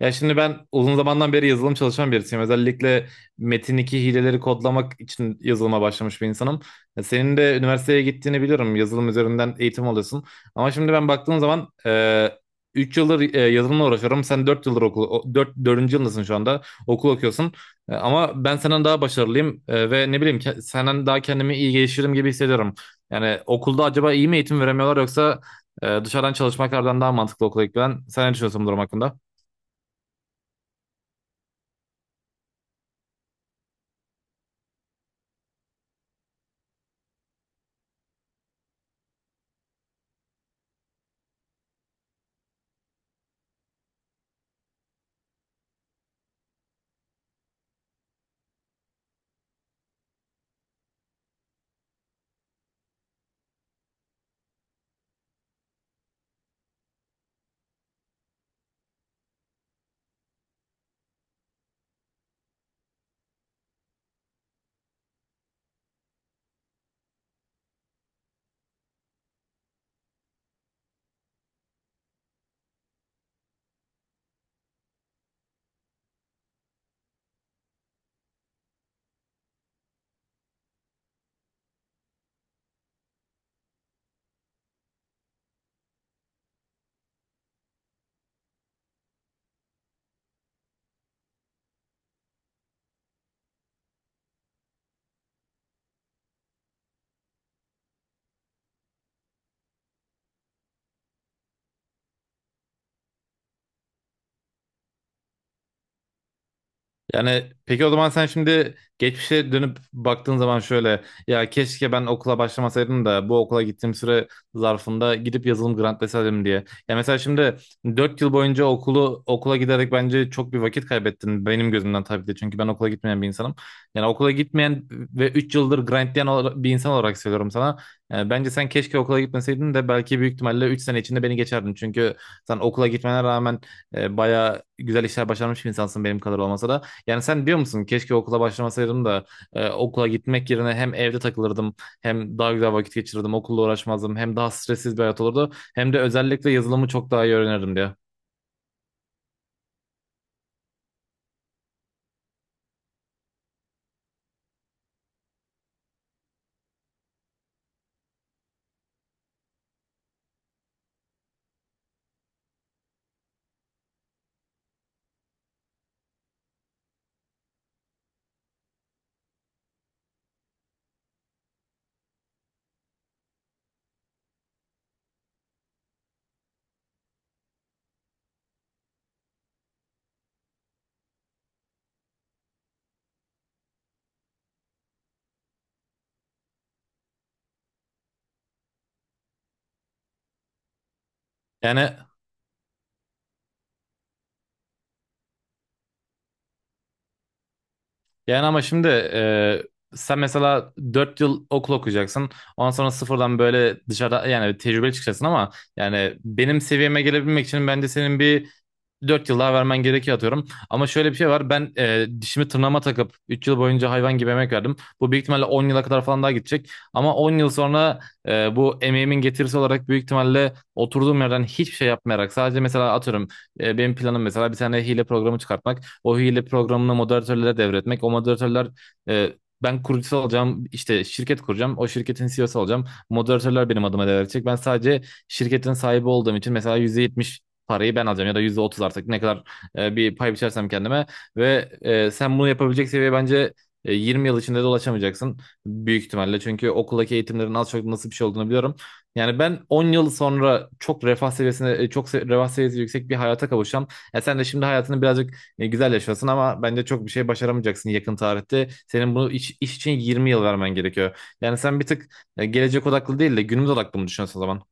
Ya şimdi ben uzun zamandan beri yazılım çalışan birisiyim. Özellikle metin 2 hileleri kodlamak için yazılıma başlamış bir insanım. Ya senin de üniversiteye gittiğini biliyorum. Yazılım üzerinden eğitim alıyorsun. Ama şimdi ben baktığım zaman 3 yıldır yazılımla uğraşıyorum. Sen dört dördüncü yılındasın şu anda. Okul okuyorsun. Ama ben senden daha başarılıyım. Ve ne bileyim senden daha kendimi iyi geliştiririm gibi hissediyorum. Yani okulda acaba iyi mi eğitim veremiyorlar yoksa dışarıdan çalışmaklardan daha mantıklı okula gitmen? Sen ne düşünüyorsun bu durum hakkında? Yani peki o zaman sen şimdi geçmişe dönüp baktığın zaman şöyle ya keşke ben okula başlamasaydım da bu okula gittiğim süre zarfında gidip yazılım grantleseydim diye. Ya mesela şimdi 4 yıl boyunca okula giderek bence çok bir vakit kaybettin benim gözümden tabii de, çünkü ben okula gitmeyen bir insanım. Yani okula gitmeyen ve 3 yıldır grantlayan bir insan olarak söylüyorum sana. Yani bence sen keşke okula gitmeseydin de belki büyük ihtimalle 3 sene içinde beni geçerdin. Çünkü sen okula gitmene rağmen bayağı güzel işler başarmış bir insansın, benim kadar olmasa da. Yani sen diyor musun keşke okula başlamasaydım da okula gitmek yerine hem evde takılırdım hem daha güzel vakit geçirirdim okulla uğraşmazdım hem daha stressiz bir hayat olurdu hem de özellikle yazılımı çok daha iyi öğrenirdim diye. Yani Yani ama şimdi sen mesela 4 yıl okul okuyacaksın. Ondan sonra sıfırdan böyle dışarıda yani tecrübeli çıkacaksın ama yani benim seviyeme gelebilmek için bence senin 4 yıl daha vermen gerekiyor atıyorum. Ama şöyle bir şey var. Ben dişimi tırnağıma takıp 3 yıl boyunca hayvan gibi emek verdim. Bu büyük ihtimalle 10 yıla kadar falan daha gidecek. Ama 10 yıl sonra bu emeğimin getirisi olarak büyük ihtimalle oturduğum yerden hiçbir şey yapmayarak sadece mesela atıyorum benim planım mesela bir tane hile programı çıkartmak, o hile programını moderatörlere devretmek. O moderatörler e, ben kurucusu olacağım, işte şirket kuracağım, o şirketin CEO'su olacağım. Moderatörler benim adıma devredecek. Ben sadece şirketin sahibi olduğum için mesela %70 parayı ben alacağım ya da %30, artık ne kadar bir pay biçersem kendime. Ve sen bunu yapabilecek seviye bence 20 yıl içinde de ulaşamayacaksın büyük ihtimalle. Çünkü okuldaki eğitimlerin az çok nasıl bir şey olduğunu biliyorum. Yani ben 10 yıl sonra çok refah seviyesi yüksek bir hayata kavuşacağım. E sen de şimdi hayatını birazcık güzel yaşasın ama bence çok bir şey başaramayacaksın yakın tarihte. Senin bunu iş için 20 yıl vermen gerekiyor. Yani sen bir tık gelecek odaklı değil de günümüz odaklı mı düşünüyorsun o zaman?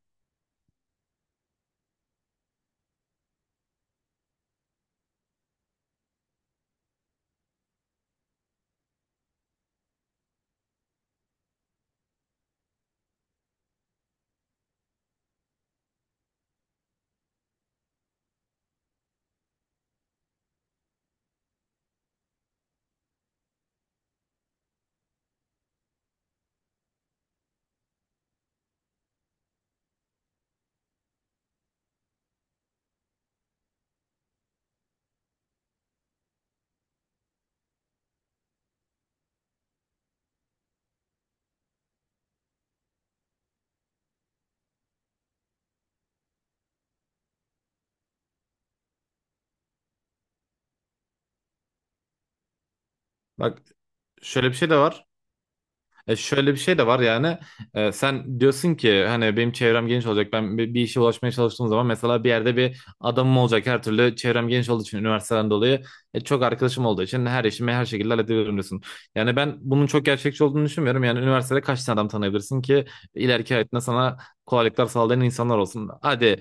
Bak şöyle bir şey de var. E şöyle bir şey de var yani Sen diyorsun ki hani benim çevrem geniş olacak, ben bir işe ulaşmaya çalıştığım zaman mesela bir yerde bir adamım olacak her türlü, çevrem geniş olduğu için üniversiteden dolayı çok arkadaşım olduğu için her işimi her şekilde halledebilirim diyorsun. Yani ben bunun çok gerçekçi olduğunu düşünmüyorum. Yani üniversitede kaç tane adam tanıyabilirsin ki ileriki hayatında sana kolaylıklar sağlayan insanlar olsun.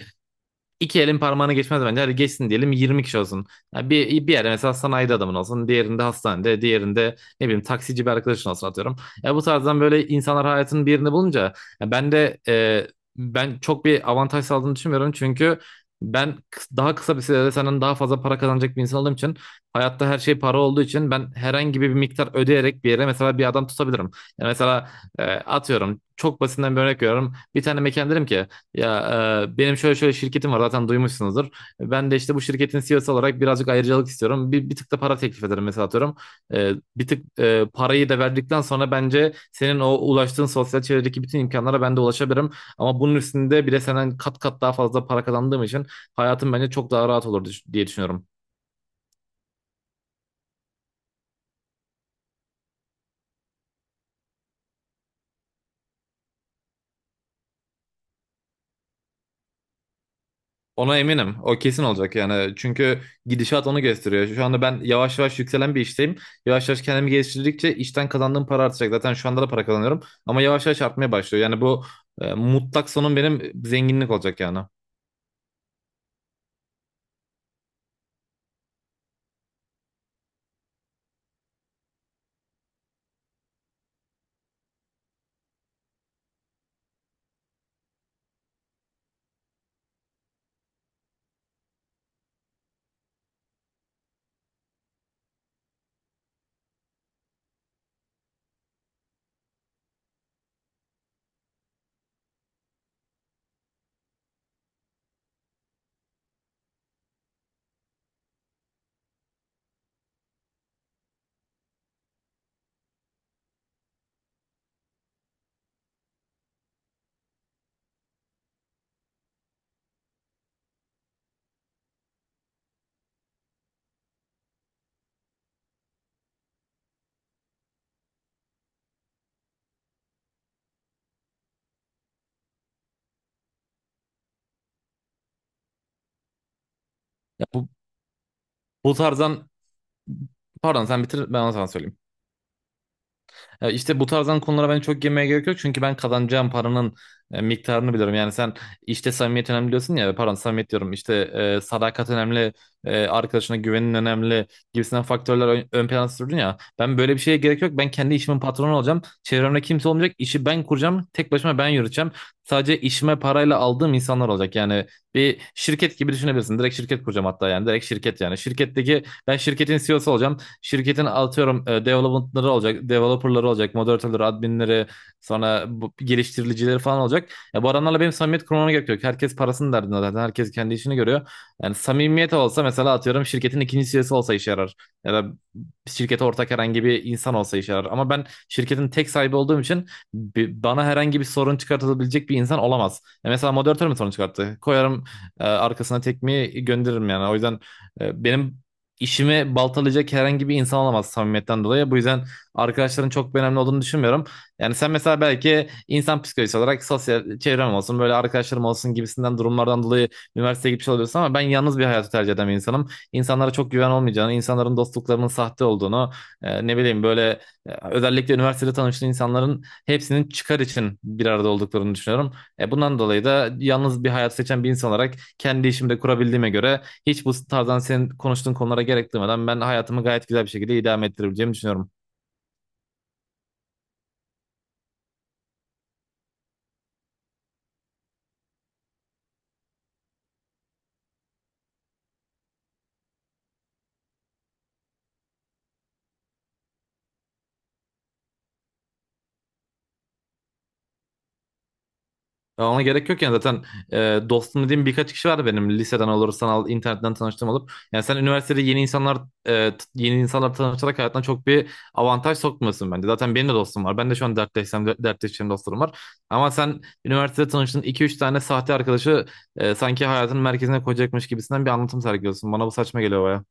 İki elin parmağını geçmez bence. Hadi geçsin diyelim, 20 kişi olsun. Yani bir yerde mesela sanayide adamın olsun. Diğerinde hastanede. Diğerinde ne bileyim taksici bir arkadaşın olsun atıyorum. Ya bu tarzdan böyle insanlar hayatının bir yerini bulunca ya ben de e, ben çok bir avantaj sağladığını düşünmüyorum. Çünkü ben daha kısa bir sürede senden daha fazla para kazanacak bir insan olduğum için, hayatta her şey para olduğu için ben herhangi bir miktar ödeyerek bir yere mesela bir adam tutabilirim. Yani mesela atıyorum çok basitinden bir örnek veriyorum. Bir tane mekan derim ki ya benim şöyle şöyle şirketim var, zaten duymuşsunuzdur. Ben de işte bu şirketin CEO'su olarak birazcık ayrıcalık istiyorum. Bir tık da para teklif ederim mesela atıyorum. E, Bir tık parayı da verdikten sonra bence senin o ulaştığın sosyal çevredeki bütün imkanlara ben de ulaşabilirim. Ama bunun üstünde bir de senden kat kat daha fazla para kazandığım için hayatım bence çok daha rahat olur diye düşünüyorum. Ona eminim. O kesin olacak yani. Çünkü gidişat onu gösteriyor. Şu anda ben yavaş yavaş yükselen bir işteyim. Yavaş yavaş kendimi geliştirdikçe işten kazandığım para artacak. Zaten şu anda da para kazanıyorum. Ama yavaş yavaş artmaya başlıyor. Yani bu mutlak sonum benim zenginlik olacak yani. Ya bu, bu tarzdan Pardon, sen bitir, ben onu sana söyleyeyim. Ya İşte bu tarzdan konulara bence çok girmeye gerek yok. Çünkü ben kazanacağım paranın miktarını biliyorum. Yani sen işte samimiyet önemli diyorsun ya. Pardon, samimiyet diyorum. İşte sadakat önemli. Arkadaşına güvenin önemli. Gibisinden faktörler ön plana sürdün ya. Ben böyle bir şeye gerek yok. Ben kendi işimin patronu olacağım. Çevremde kimse olmayacak. İşi ben kuracağım. Tek başıma ben yürüteceğim. Sadece işime parayla aldığım insanlar olacak. Yani bir şirket gibi düşünebilirsin. Direkt şirket kuracağım hatta yani. Direkt şirket yani. Şirketteki, ben şirketin CEO'su olacağım, şirketin atıyorum development'ları olacak, developer'ları olacak, moderatörleri, adminleri, sonra geliştiricileri falan olacak. Ya bu adamlarla benim samimiyet kurmama gerek yok. Herkes parasının derdinde zaten. Herkes kendi işini görüyor. Yani samimiyet olsa mesela atıyorum şirketin ikinci CEO'su olsa işe yarar. Ya da şirkete ortak herhangi bir insan olsa işe yarar. Ama ben şirketin tek sahibi olduğum için bana herhangi bir sorun çıkartabilecek bir insan olamaz. Ya mesela moderatör mü sorun çıkarttı? Koyarım arkasına tekmeyi gönderirim yani. O yüzden benim işimi baltalayacak herhangi bir insan olamaz samimiyetten dolayı. Bu yüzden arkadaşların çok bir önemli olduğunu düşünmüyorum. Yani sen mesela belki insan psikolojisi olarak sosyal çevrem olsun, böyle arkadaşlarım olsun gibisinden durumlardan dolayı üniversiteye gitmiş oluyorsun, ama ben yalnız bir hayatı tercih eden bir insanım. İnsanlara çok güven olmayacağını, insanların dostluklarının sahte olduğunu, e, ne bileyim böyle e, özellikle üniversitede tanıştığın insanların hepsinin çıkar için bir arada olduklarını düşünüyorum. Bundan dolayı da yalnız bir hayat seçen bir insan olarak kendi işimde kurabildiğime göre, hiç bu tarzdan senin konuştuğun konulara gerek duymadan ben hayatımı gayet güzel bir şekilde idame ettirebileceğimi düşünüyorum. Ya ona gerek yok yani. Zaten dostum dediğim birkaç kişi vardı benim, liseden olur, sanal internetten tanıştığım olup. Yani sen üniversitede yeni insanlar tanışarak hayatına çok bir avantaj sokmuyorsun bence. Zaten benim de dostum var. Ben de şu an dertleşsem dertleşeceğim dostlarım var. Ama sen üniversitede tanıştığın iki üç tane sahte arkadaşı sanki hayatın merkezine koyacakmış gibisinden bir anlatım sergiliyorsun. Bana bu saçma geliyor baya.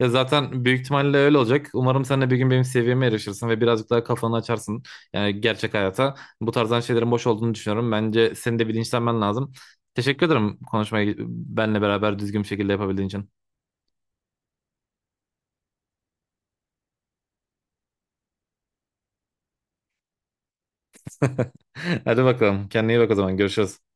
Ya zaten büyük ihtimalle öyle olacak. Umarım sen de bir gün benim seviyeme erişirsin ve birazcık daha kafanı açarsın. Yani gerçek hayata. Bu tarzdan şeylerin boş olduğunu düşünüyorum. Bence senin de bilinçlenmen lazım. Teşekkür ederim konuşmayı benle beraber düzgün bir şekilde yapabildiğin için. Hadi bakalım. Kendine iyi bak o zaman. Görüşürüz.